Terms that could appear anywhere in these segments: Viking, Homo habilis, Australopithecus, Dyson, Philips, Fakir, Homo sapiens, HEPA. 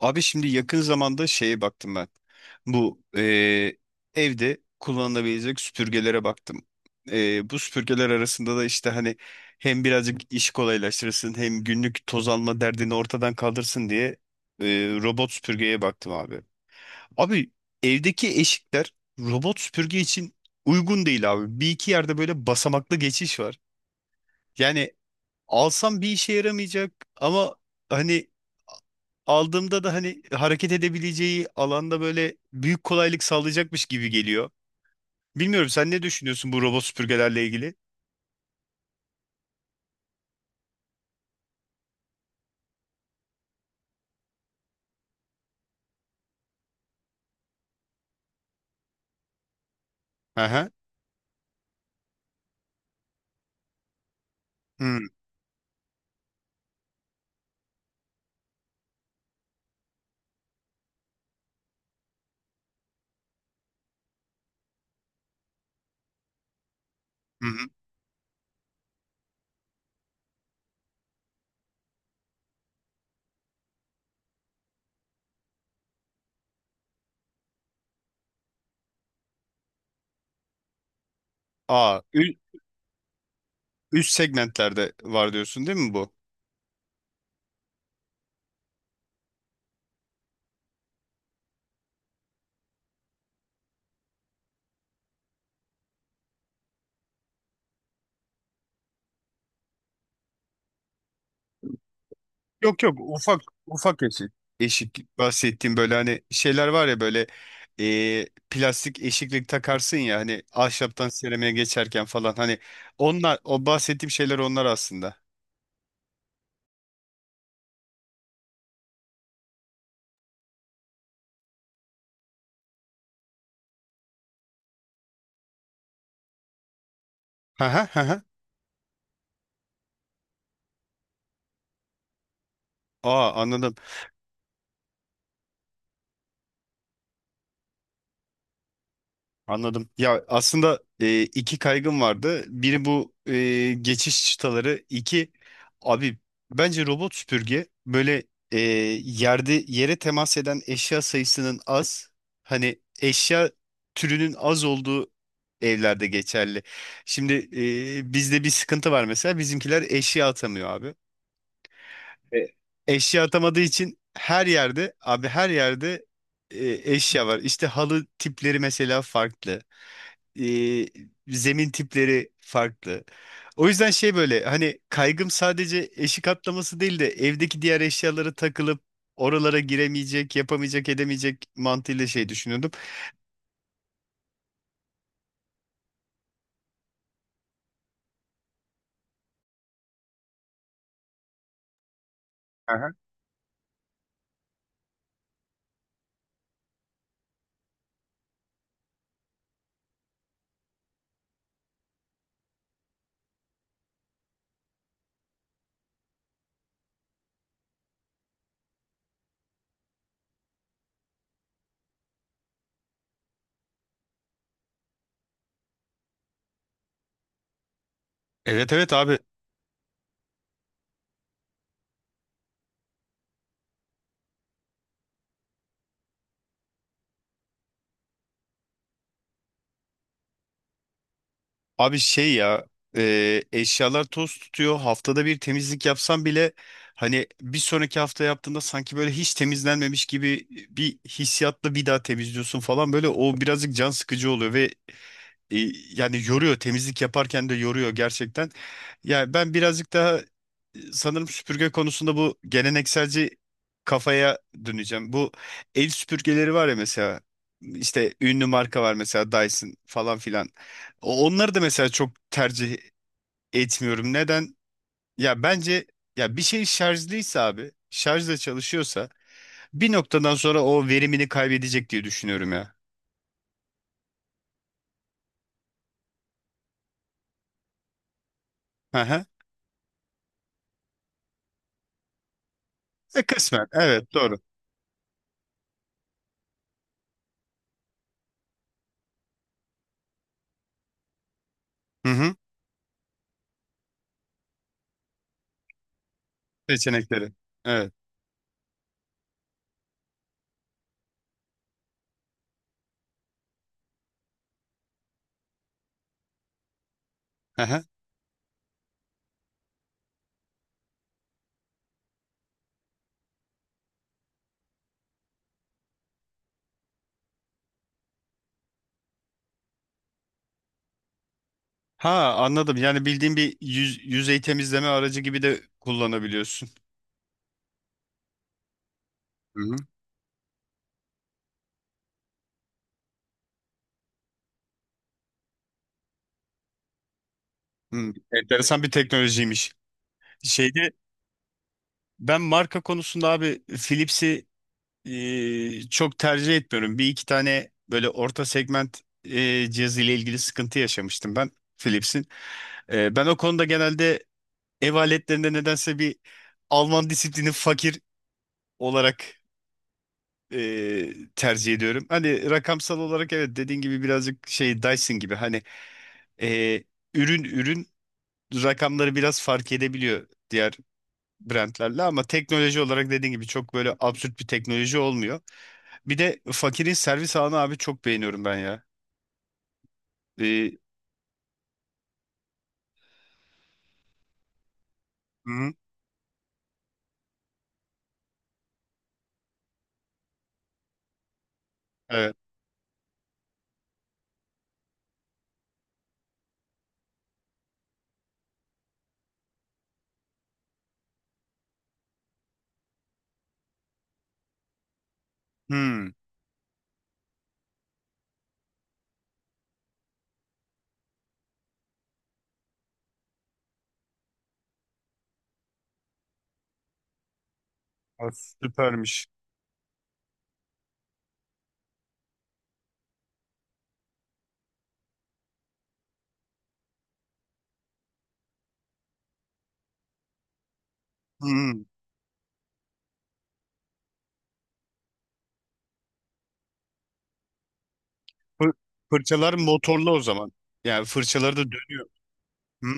Abi şimdi yakın zamanda şeye baktım ben. Bu evde kullanılabilecek süpürgelere baktım. Bu süpürgeler arasında da işte hani hem birazcık iş kolaylaştırsın hem günlük toz alma derdini ortadan kaldırsın diye robot süpürgeye baktım abi. Abi evdeki eşikler robot süpürge için uygun değil abi. Bir iki yerde böyle basamaklı geçiş var. Yani alsam bir işe yaramayacak ama hani aldığımda da hani hareket edebileceği alanda böyle büyük kolaylık sağlayacakmış gibi geliyor. Bilmiyorum sen ne düşünüyorsun bu robot süpürgelerle ilgili? Aha. Hı hı. Hı. Aa, ü- Üst segmentlerde var diyorsun değil mi bu? Yok yok ufak ufak eşik. Eşik bahsettiğim böyle hani şeyler var ya böyle plastik eşiklik takarsın ya hani ahşaptan seramiğe geçerken falan hani onlar o bahsettiğim şeyler onlar aslında. Ha ha ha. Aa anladım. Anladım. Ya aslında iki kaygım vardı. Biri bu geçiş çıtaları. İki abi bence robot süpürge böyle e, yerde yere temas eden eşya sayısının az. Hani eşya türünün az olduğu evlerde geçerli. Şimdi bizde bir sıkıntı var mesela. Bizimkiler eşya atamıyor abi. E, Eşya atamadığı için her yerde abi her yerde e, eşya var. İşte halı tipleri mesela farklı e, zemin tipleri farklı. O yüzden şey böyle hani kaygım sadece eşik atlaması değil de evdeki diğer eşyalara takılıp oralara giremeyecek, yapamayacak, edemeyecek mantığıyla şey düşünüyordum. Aha. Evet evet abi. Abi şey ya eşyalar toz tutuyor. Haftada bir temizlik yapsam bile hani bir sonraki hafta yaptığında sanki böyle hiç temizlenmemiş gibi bir hissiyatla bir daha temizliyorsun falan böyle o birazcık can sıkıcı oluyor ve E, yani yoruyor temizlik yaparken de yoruyor gerçekten. Yani ben birazcık daha sanırım süpürge konusunda bu gelenekselci kafaya döneceğim. Bu el süpürgeleri var ya mesela işte ünlü marka var mesela Dyson falan filan. Onları da mesela çok tercih etmiyorum. Neden? Ya bence ya bir şey şarjlıysa abi şarjla çalışıyorsa bir noktadan sonra o verimini kaybedecek diye düşünüyorum ya. Hı hı. Kısmen evet doğru. Hı hı. Seçenekleri. Evet. Aha. Ha anladım. Yani bildiğin bir yüz, yüzey temizleme aracı gibi de kullanabiliyorsun. Hı-hı. Hı. Hı, enteresan bir teknolojiymiş. Şeyde ben marka konusunda abi Philips'i çok tercih etmiyorum. Bir iki tane böyle orta segment cihazı ile ilgili sıkıntı yaşamıştım ben Philips'in. Ben o konuda genelde ev aletlerinde nedense bir Alman disiplini fakir olarak tercih ediyorum. Hani rakamsal olarak evet dediğin gibi birazcık şey Dyson gibi hani e, ürün rakamları biraz fark edebiliyor diğer brandlerle ama teknoloji olarak dediğin gibi çok böyle absürt bir teknoloji olmuyor. Bir de fakirin servis ağını abi çok beğeniyorum ben ya. E, hı, evet. Hı, o süpermiş. Hı, fır- fırçalar motorlu o zaman. Yani fırçaları da dönüyor. Hı.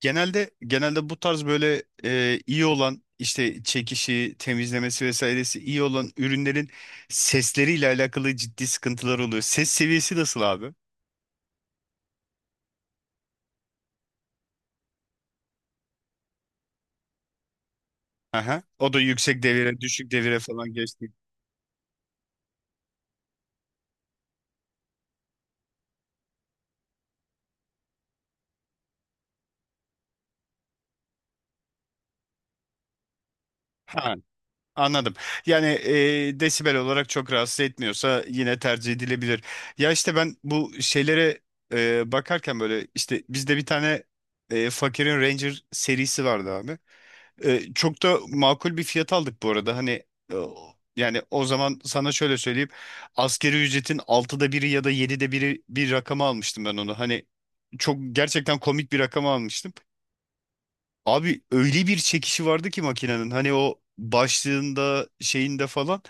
Genelde bu tarz böyle iyi olan işte çekişi, temizlemesi vesairesi iyi olan ürünlerin sesleriyle alakalı ciddi sıkıntılar oluyor. Ses seviyesi nasıl abi? Aha. O da yüksek devire, düşük devire falan geçti. Ha, anladım. Yani desibel olarak çok rahatsız etmiyorsa yine tercih edilebilir. Ya işte ben bu şeylere bakarken böyle işte bizde bir tane fakirin Ranger serisi vardı abi. Çok da makul bir fiyat aldık bu arada. Hani e, yani o zaman sana şöyle söyleyeyim. Asgari ücretin altıda biri ya da 7'de biri bir rakama almıştım ben onu. Hani çok gerçekten komik bir rakama almıştım. Abi öyle bir çekişi vardı ki makinenin. Hani o başlığında şeyinde falan.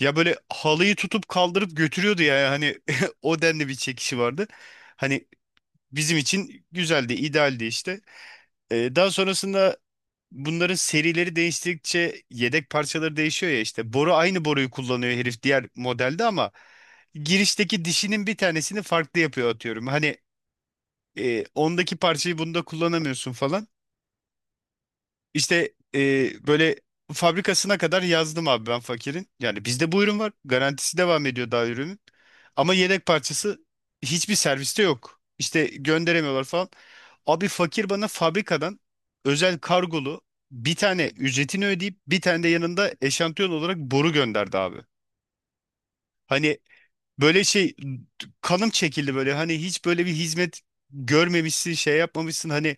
Ya böyle halıyı tutup kaldırıp götürüyordu yani. Hani o denli bir çekişi vardı. Hani bizim için güzeldi, idealdi işte. Daha sonrasında bunların serileri değiştikçe yedek parçaları değişiyor ya işte. Boru aynı boruyu kullanıyor herif diğer modelde ama girişteki dişinin bir tanesini farklı yapıyor atıyorum. Hani ondaki parçayı bunda kullanamıyorsun falan. İşte böyle fabrikasına kadar yazdım abi ben fakirin. Yani bizde bu ürün var. Garantisi devam ediyor daha ürünün. Ama yedek parçası hiçbir serviste yok. İşte gönderemiyorlar falan. Abi fakir bana fabrikadan özel kargolu bir tane ücretini ödeyip bir tane de yanında eşantiyon olarak boru gönderdi abi. Hani böyle şey kanım çekildi böyle. Hani hiç böyle bir hizmet görmemişsin, şey yapmamışsın. Hani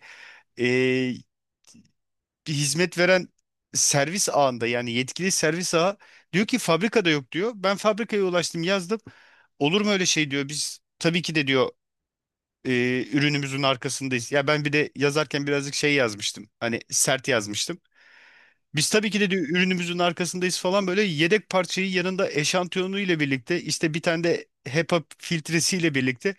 e, bir hizmet veren servis ağında yani yetkili servis ağı diyor ki fabrikada yok diyor. Ben fabrikaya ulaştım yazdım. Olur mu öyle şey diyor. Biz tabii ki de diyor ürünümüzün arkasındayız. Ya ben bir de yazarken birazcık şey yazmıştım. Hani sert yazmıştım. Biz tabii ki de diyor ürünümüzün arkasındayız falan böyle yedek parçayı yanında eşantiyonu ile birlikte işte bir tane de HEPA filtresiyle birlikte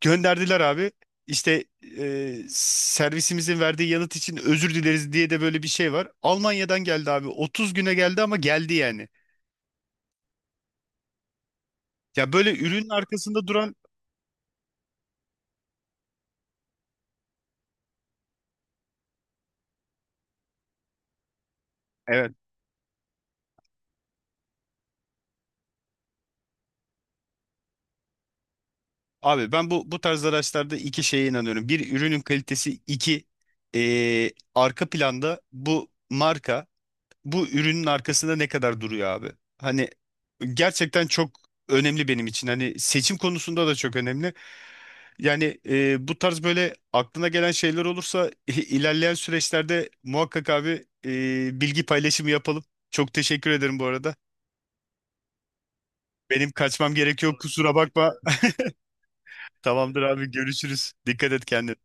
gönderdiler abi. İşte servisimizin verdiği yanıt için özür dileriz diye de böyle bir şey var. Almanya'dan geldi abi. 30 güne geldi ama geldi yani. Ya böyle ürünün arkasında duran evet. Abi ben bu bu tarz araçlarda iki şeye inanıyorum. Bir ürünün kalitesi, iki arka planda bu marka bu ürünün arkasında ne kadar duruyor abi? Hani gerçekten çok önemli benim için. Hani seçim konusunda da çok önemli. Yani bu tarz böyle aklına gelen şeyler olursa ilerleyen süreçlerde muhakkak abi bilgi paylaşımı yapalım. Çok teşekkür ederim bu arada. Benim kaçmam gerekiyor kusura bakma. Tamamdır abi görüşürüz. Dikkat et kendine.